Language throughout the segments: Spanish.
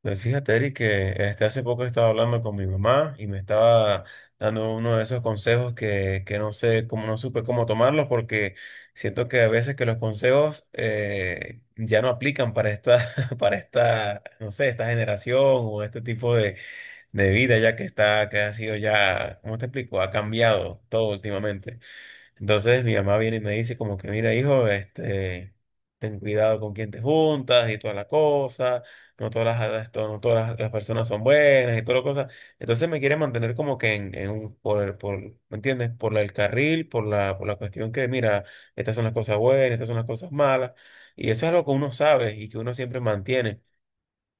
Pues fíjate, Eric, que hace poco estaba hablando con mi mamá y me estaba dando uno de esos consejos que no sé cómo, no supe cómo tomarlos porque siento que a veces que los consejos ya no aplican para para esta, no sé, esta generación o este tipo de vida, ya que está, que ha sido ya, ¿cómo te explico? Ha cambiado todo últimamente. Entonces mi mamá viene y me dice como que, mira, hijo, ten cuidado con quién te juntas y toda la cosa, no todas las personas son buenas y toda la cosa. Entonces me quiere mantener como que en un, ¿me entiendes? El carril, por la cuestión que, mira, estas son las cosas buenas, estas son las cosas malas. Y eso es algo que uno sabe y que uno siempre mantiene.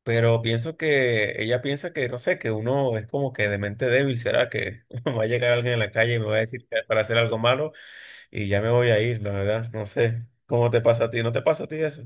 Pero pienso que ella piensa que, no sé, que uno es como que de mente débil. ¿Será que va a llegar alguien en la calle y me va a decir para hacer algo malo? Y ya me voy a ir, la verdad. No sé cómo te pasa a ti, ¿no te pasa a ti eso?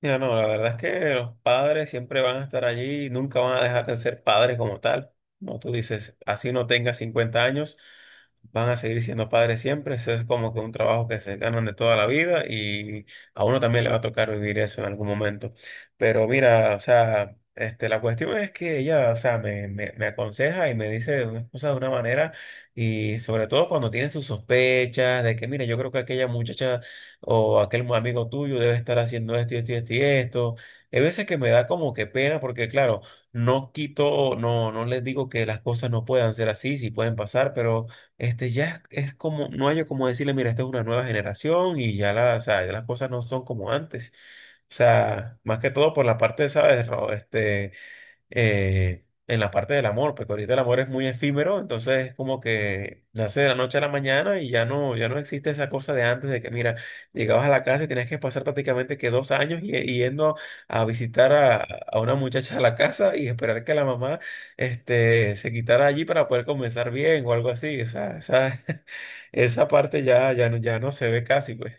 Mira, no, la verdad es que los padres siempre van a estar allí y nunca van a dejar de ser padres como tal. Como tú dices, así no tengas 50 años, van a seguir siendo padres siempre. Eso es como que un trabajo que se ganan de toda la vida y a uno también le va a tocar vivir eso en algún momento. Pero mira, o sea, la cuestión es que ella, o sea, me aconseja y me dice unas cosas de una manera y sobre todo cuando tiene sus sospechas de que, mira, yo creo que aquella muchacha o aquel amigo tuyo debe estar haciendo esto y esto y esto y esto. Hay veces que me da como que pena porque, claro, no quito, no, no les digo que las cosas no puedan ser así, sí pueden pasar, pero ya es como, no hay como decirle, mira, esta es una nueva generación y ya, o sea, ya las cosas no son como antes. O sea, más que todo por la parte, ¿sabes? Ro? Eh, en la parte del amor, porque ahorita el amor es muy efímero, entonces es como que nace de la noche a la mañana y ya no existe esa cosa de antes de que, mira, llegabas a la casa y tenías que pasar prácticamente que 2 años y yendo a visitar a una muchacha a la casa y esperar que la mamá se quitara allí para poder comenzar bien o algo así. Esa parte ya no se ve casi, pues.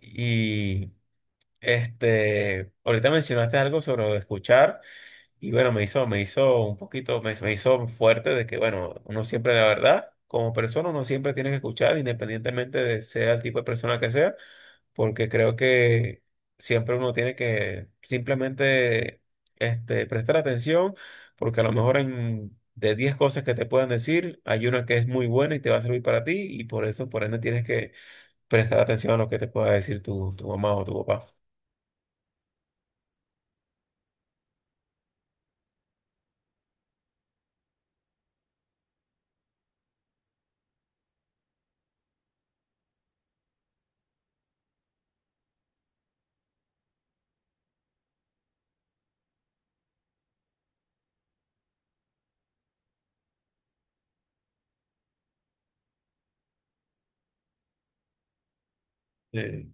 Y ahorita mencionaste algo sobre lo de escuchar. Y bueno, me hizo un poquito, me hizo fuerte de que, bueno, uno siempre, la verdad, como persona, uno siempre tiene que escuchar, independientemente de sea el tipo de persona que sea, porque creo que siempre uno tiene que simplemente prestar atención, porque a lo mejor en, de 10 cosas que te puedan decir, hay una que es muy buena y te va a servir para ti, y por eso, por ende, tienes que prestar atención a lo que te pueda decir tu mamá o tu papá. Sí.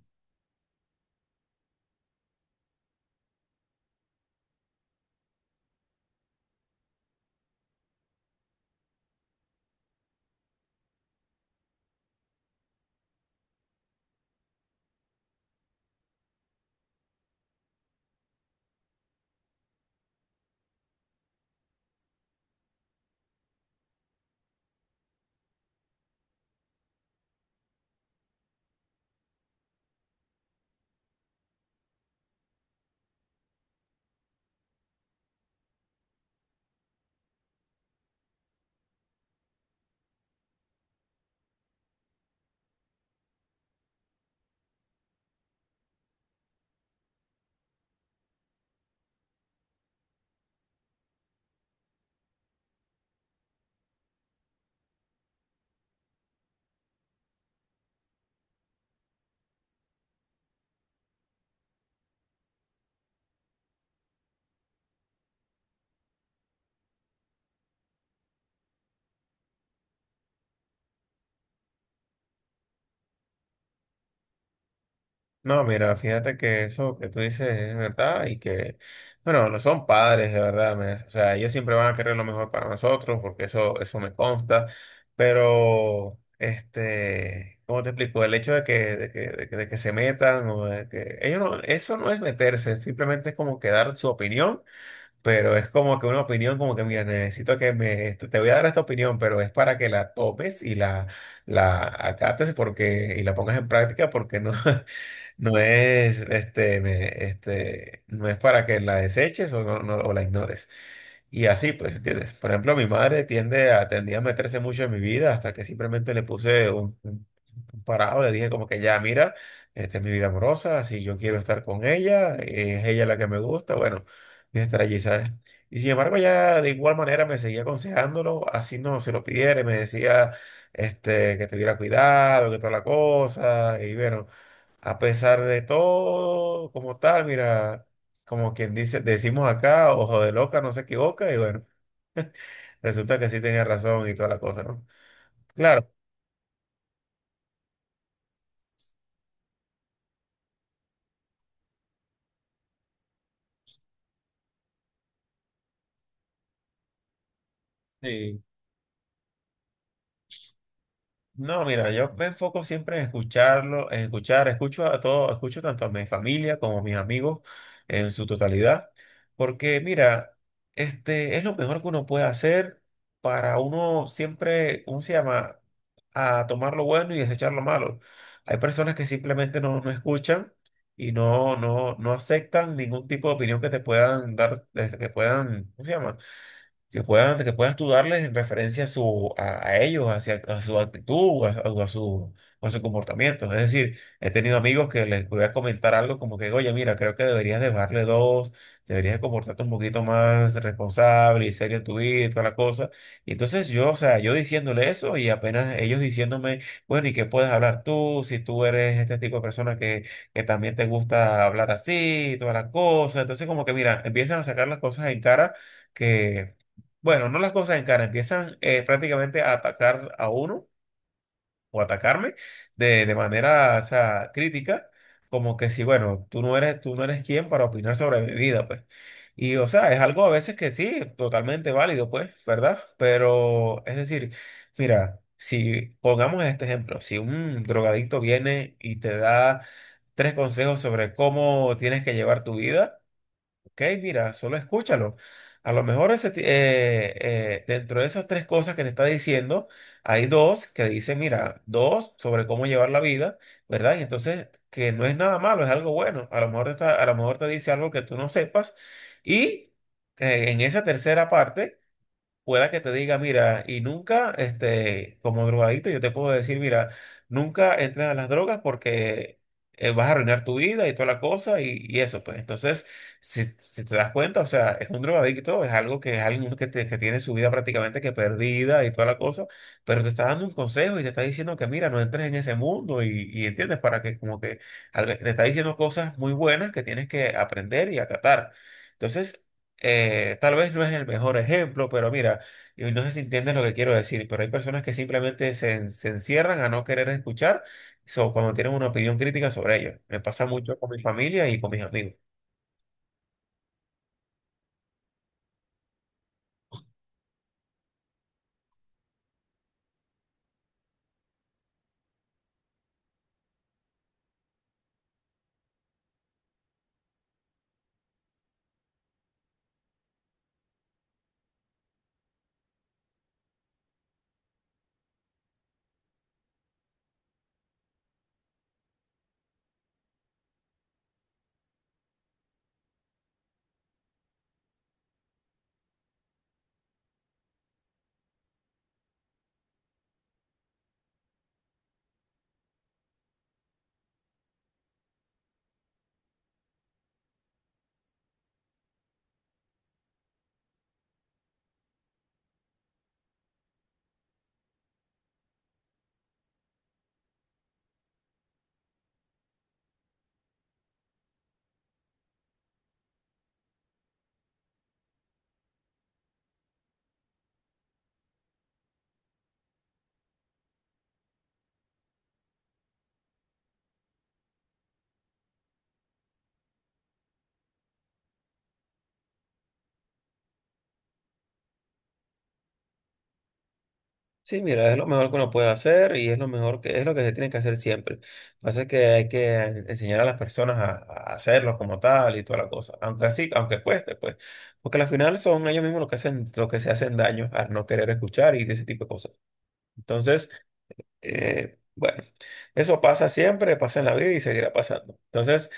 No, mira, fíjate que eso que tú dices es verdad y que, bueno, no son padres, de verdad, o sea, ellos siempre van a querer lo mejor para nosotros porque eso me consta, pero, ¿cómo te explico? El hecho de que, de que se metan o de que ellos no, eso no es meterse, simplemente es como que dar su opinión, pero es como que una opinión como que, mira, necesito te voy a dar esta opinión, pero es para que la tomes y la acates porque, y la pongas en práctica porque no. No es, este, me- este, no es para que la deseches o, no, o la ignores. Y así, pues, ¿entiendes? Por ejemplo, mi madre tendía a meterse mucho en mi vida hasta que simplemente le puse un parado, le dije como que ya, mira, esta es mi vida amorosa, si yo quiero estar con ella, es ella la que me gusta, bueno, voy a estar allí, ¿sabes? Y sin embargo, ya de igual manera me seguía aconsejándolo, así no se lo pidiera, y me decía, que tuviera cuidado, que toda la cosa, y bueno. A pesar de todo, como tal, mira, como quien dice, decimos acá, ojo de loca, no se equivoca, y bueno, resulta que sí tenía razón y toda la cosa, ¿no? Claro. Sí. No, mira, yo me enfoco siempre en escucharlo, en escuchar, escucho a todo, escucho tanto a mi familia como a mis amigos en su totalidad, porque mira, este es lo mejor que uno puede hacer para uno siempre, ¿cómo se llama? A tomar lo bueno y desechar lo malo. Hay personas que simplemente no, no escuchan y no, no aceptan ningún tipo de opinión que te puedan dar, desde que puedan, ¿cómo se llama? Que puedas tú darles en referencia a, su, a ellos, hacia, a su actitud, a su comportamiento. Es decir, he tenido amigos que les voy a comentar algo como que, oye, mira, creo que deberías de bajarle dos, deberías comportarte un poquito más responsable y serio en tu vida y toda la cosa. Y entonces yo, o sea, yo diciéndole eso y apenas ellos diciéndome, bueno, ¿y qué puedes hablar tú si tú eres este tipo de persona que también te gusta hablar así y toda la cosa? Entonces como que, mira, empiezan a sacar las cosas en cara que bueno, no las cosas en cara, empiezan prácticamente a atacar a uno o atacarme de manera, o sea, crítica, como que si, bueno, tú no eres quien para opinar sobre mi vida, pues. Y, o sea, es algo a veces que sí, totalmente válido, pues, ¿verdad? Pero, es decir, mira, si pongamos este ejemplo, si un drogadicto viene y te da tres consejos sobre cómo tienes que llevar tu vida, ok, mira, solo escúchalo. A lo mejor ese dentro de esas tres cosas que te está diciendo, hay dos que dicen, mira, dos sobre cómo llevar la vida, ¿verdad? Y entonces, que no es nada malo, es algo bueno. A lo mejor a lo mejor te dice algo que tú no sepas. Y en esa tercera parte pueda que te diga, mira, y nunca, como drogadito, yo te puedo decir, mira, nunca entres a las drogas porque vas a arruinar tu vida y toda la cosa y eso, pues. Entonces, si, si te das cuenta, o sea, es un drogadicto, es algo que es alguien que, que tiene su vida prácticamente que perdida y toda la cosa, pero te está dando un consejo y te está diciendo que, mira, no entres en ese mundo y entiendes, para que como que te está diciendo cosas muy buenas que tienes que aprender y acatar. Entonces, tal vez no es el mejor ejemplo, pero mira, y no sé si entiendes lo que quiero decir, pero hay personas que simplemente se encierran a no querer escuchar so, cuando tienen una opinión crítica sobre ellos. Me pasa mucho con mi familia y con mis amigos. Sí, mira, es lo mejor que uno puede hacer y es lo mejor que es lo que se tiene que hacer siempre. Pasa que hay que enseñar a las personas a hacerlo como tal y toda la cosa, aunque así, aunque cueste, pues, porque al final son ellos mismos los que hacen, los que se hacen daño al no querer escuchar y de ese tipo de cosas. Entonces, bueno, eso pasa siempre, pasa en la vida y seguirá pasando. Entonces,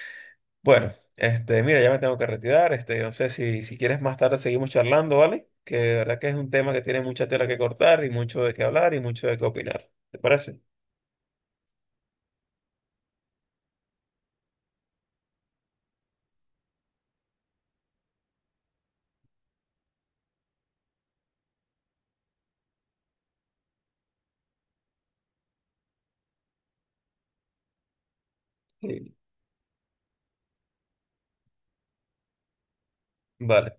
bueno, mira, ya me tengo que retirar. No sé si quieres más tarde seguimos charlando, ¿vale? Que de verdad que es un tema que tiene mucha tela que cortar y mucho de qué hablar y mucho de qué opinar. ¿Te parece? Sí. Vale.